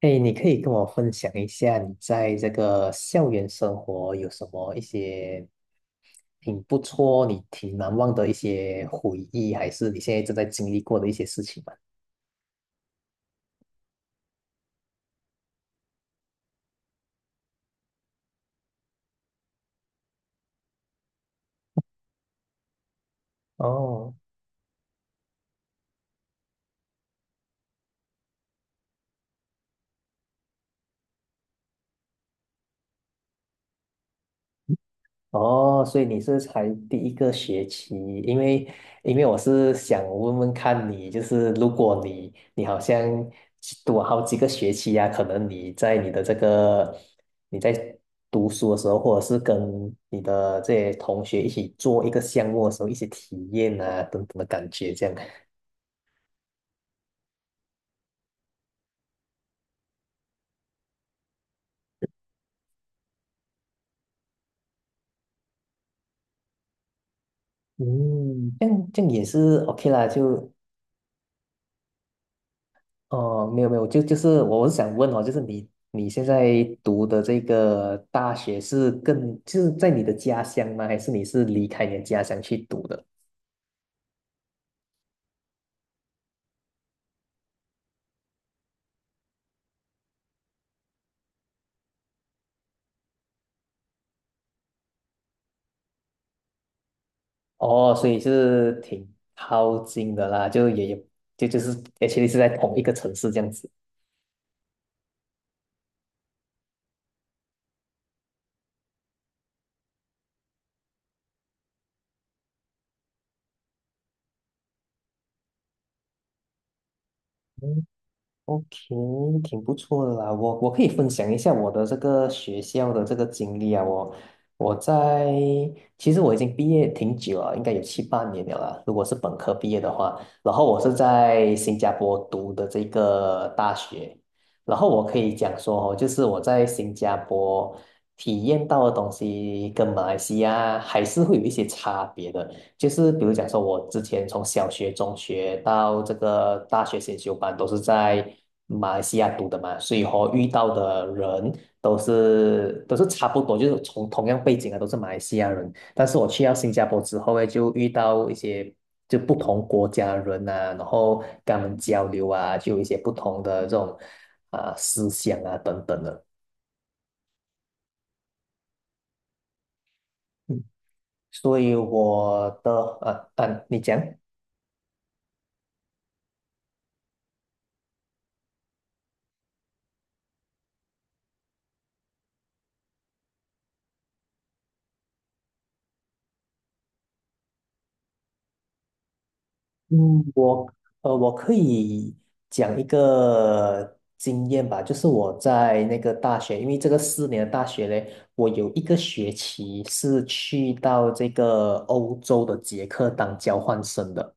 哎，你可以跟我分享一下你在这个校园生活有什么一些挺不错、你挺难忘的一些回忆，还是你现在正在经历过的一些事情吗？哦哦，所以你是才第一个学期，因为因为我是想问问看你，就是如果你好像读好几个学期呀、可能你在读书的时候，或者是跟你的这些同学一起做一个项目的时候，一些体验啊等等的感觉，这样，嗯，这样也是 OK 啦，就哦，没有没有，就是我是想问哦，就是你现在读的这个大学是就是在你的家乡吗？还是你是离开你的家乡去读的？哦，所以是挺靠近的啦，就也就是而且 是在同一个城市这样子。OK,挺不错的啦。我可以分享一下我的这个学校的这个经历啊。我我在其实我已经毕业挺久了，应该有七八年了啦。如果是本科毕业的话，然后我是在新加坡读的这个大学，然后我可以讲说哦，就是我在新加坡体验到的东西跟马来西亚还是会有一些差别的。就是比如讲说，我之前从小学、中学到这个大学先修班，都是在马来西亚读的嘛，所以和遇到的人都是差不多，就是从同样背景的都是马来西亚人。但是我去到新加坡之后呢，就遇到一些就不同国家的人啊，然后跟他们交流啊，就有一些不同的这种啊、思想啊等等的。嗯，所以我的啊，你讲。我可以讲一个经验吧，就是我在那个大学，因为这个4年的大学嘞，我有一个学期是去到这个欧洲的捷克当交换生的。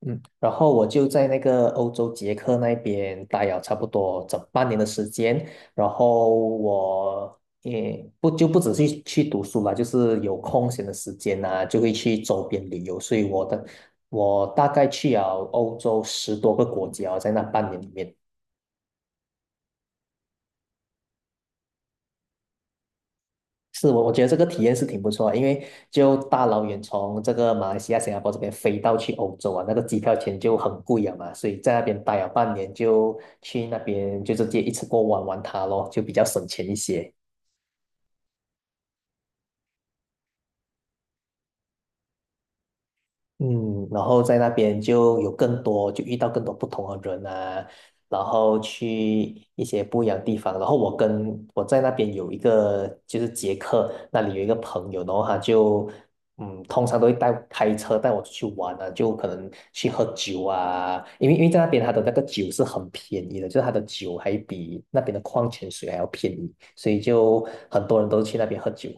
嗯，然后我就在那个欧洲捷克那边待了差不多整半年的时间，然后我也不只是去读书了，就是有空闲的时间啊，就会去周边旅游，所以我大概去了欧洲10多个国家，在那半年里面。是我觉得这个体验是挺不错的，因为就大老远从这个马来西亚、新加坡这边飞到去欧洲啊，那个机票钱就很贵了嘛，所以在那边待了半年，就去那边就直接一次过玩玩它咯，就比较省钱一些。嗯，然后在那边就有更多，就遇到更多不同的人啊，然后去一些不一样的地方。然后我在那边有一个就是捷克那里有一个朋友，然后他就通常都会开车带我出去玩啊，就可能去喝酒啊，因为在那边他的那个酒是很便宜的，就是他的酒还比那边的矿泉水还要便宜，所以就很多人都去那边喝酒。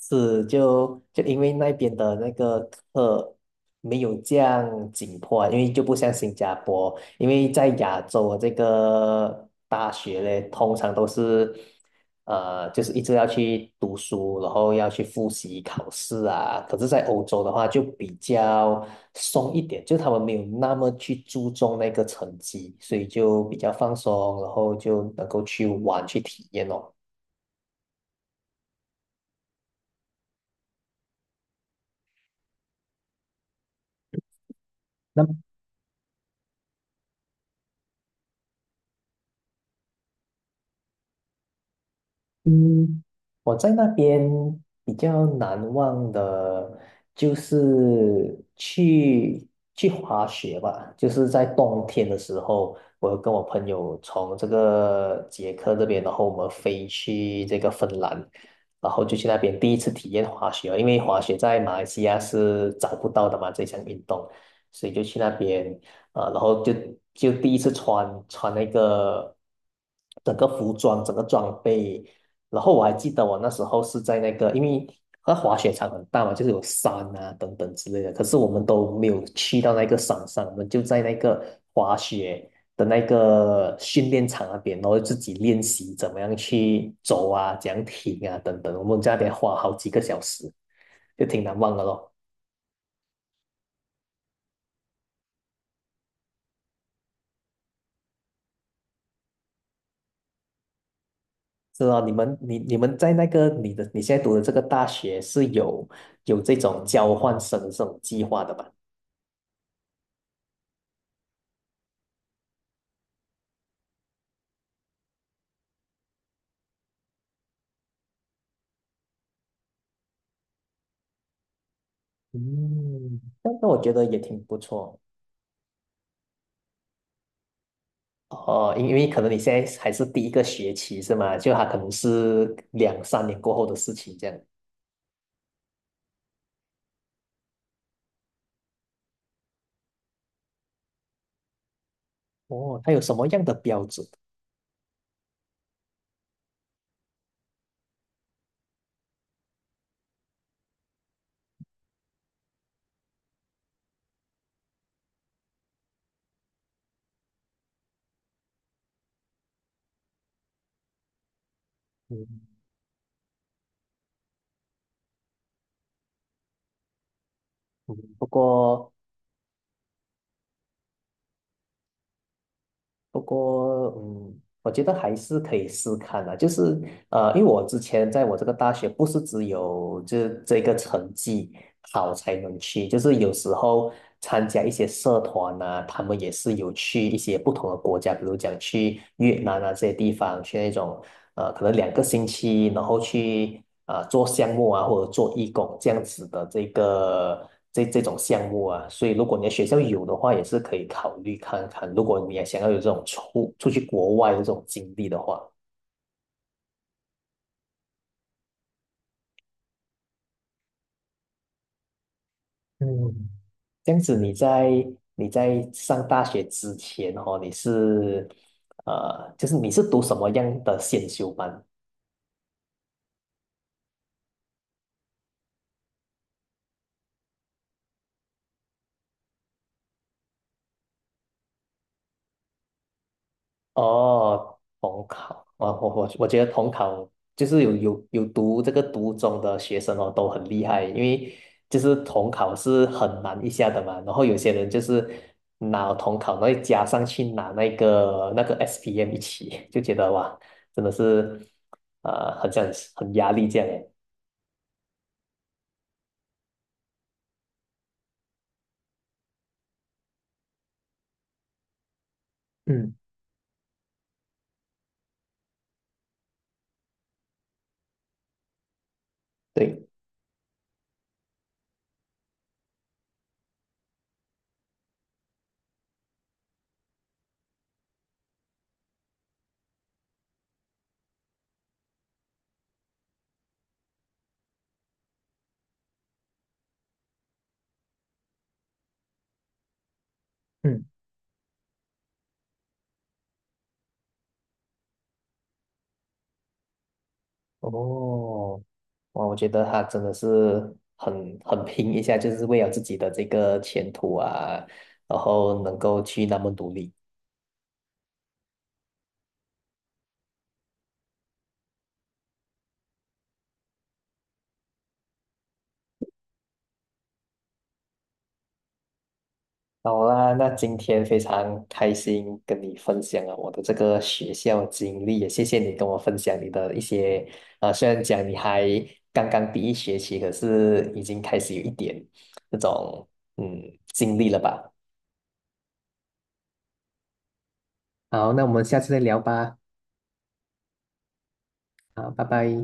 是就因为那边的那个课没有这样紧迫啊，因为就不像新加坡，因为在亚洲的这个大学嘞，通常都是就是一直要去读书，然后要去复习考试啊。可是，在欧洲的话就比较松一点，就他们没有那么去注重那个成绩，所以就比较放松，然后就能够去玩去体验哦。那嗯，我在那边比较难忘的，就是去滑雪吧，就是在冬天的时候，我跟我朋友从这个捷克这边，然后我们飞去这个芬兰，然后就去那边第一次体验滑雪，因为滑雪在马来西亚是找不到的嘛，这项运动，所以就去那边。啊，然后就第一次穿那个整个服装、整个装备，然后我还记得我那时候是在那个，因为那滑雪场很大嘛，就是有山啊等等之类的，可是我们都没有去到那个山上，我们就在那个滑雪的那个训练场那边，然后自己练习怎么样去走啊，怎样停啊等等，我们在那边花好几个小时，就挺难忘的咯。是啊，你们在那个你现在读的这个大学是有这种交换生的这种计划的吧？嗯，那我觉得也挺不错。哦，因为可能你现在还是第一个学期是吗？就他可能是两三年过后的事情这样。哦，他有什么样的标准？嗯嗯，不过我觉得还是可以试看的，就是因为我之前在我这个大学不是只有这个成绩好才能去，就是有时候参加一些社团呐、他们也是有去一些不同的国家，比如讲去越南啊这些地方，去那种可能2个星期，然后去啊做项目啊或者做义工这样子的这种项目啊，所以如果你的学校有的话，也是可以考虑看看，如果你也想要有这种去国外的这种经历的话。嗯，这样子你在上大学之前哦，你是读什么样的选修班？哦，统考，我觉得统考就是有读这个读中的学生哦，都很厉害，因为就是统考是很难一下的嘛，然后有些人就是拿统考，然后再加上去拿那个 SPM 一起，就觉得哇，真的是很像很压力这样诶。嗯，对。嗯。哦，哇，我觉得他真的是很拼一下，就是为了自己的这个前途啊，然后能够去那么努力。好啦，那今天非常开心跟你分享了我的这个学校经历，也谢谢你跟我分享你的一些，啊。虽然讲你还刚刚第一学期，可是已经开始有一点那种嗯经历了吧。好，那我们下次再聊吧。好，拜拜。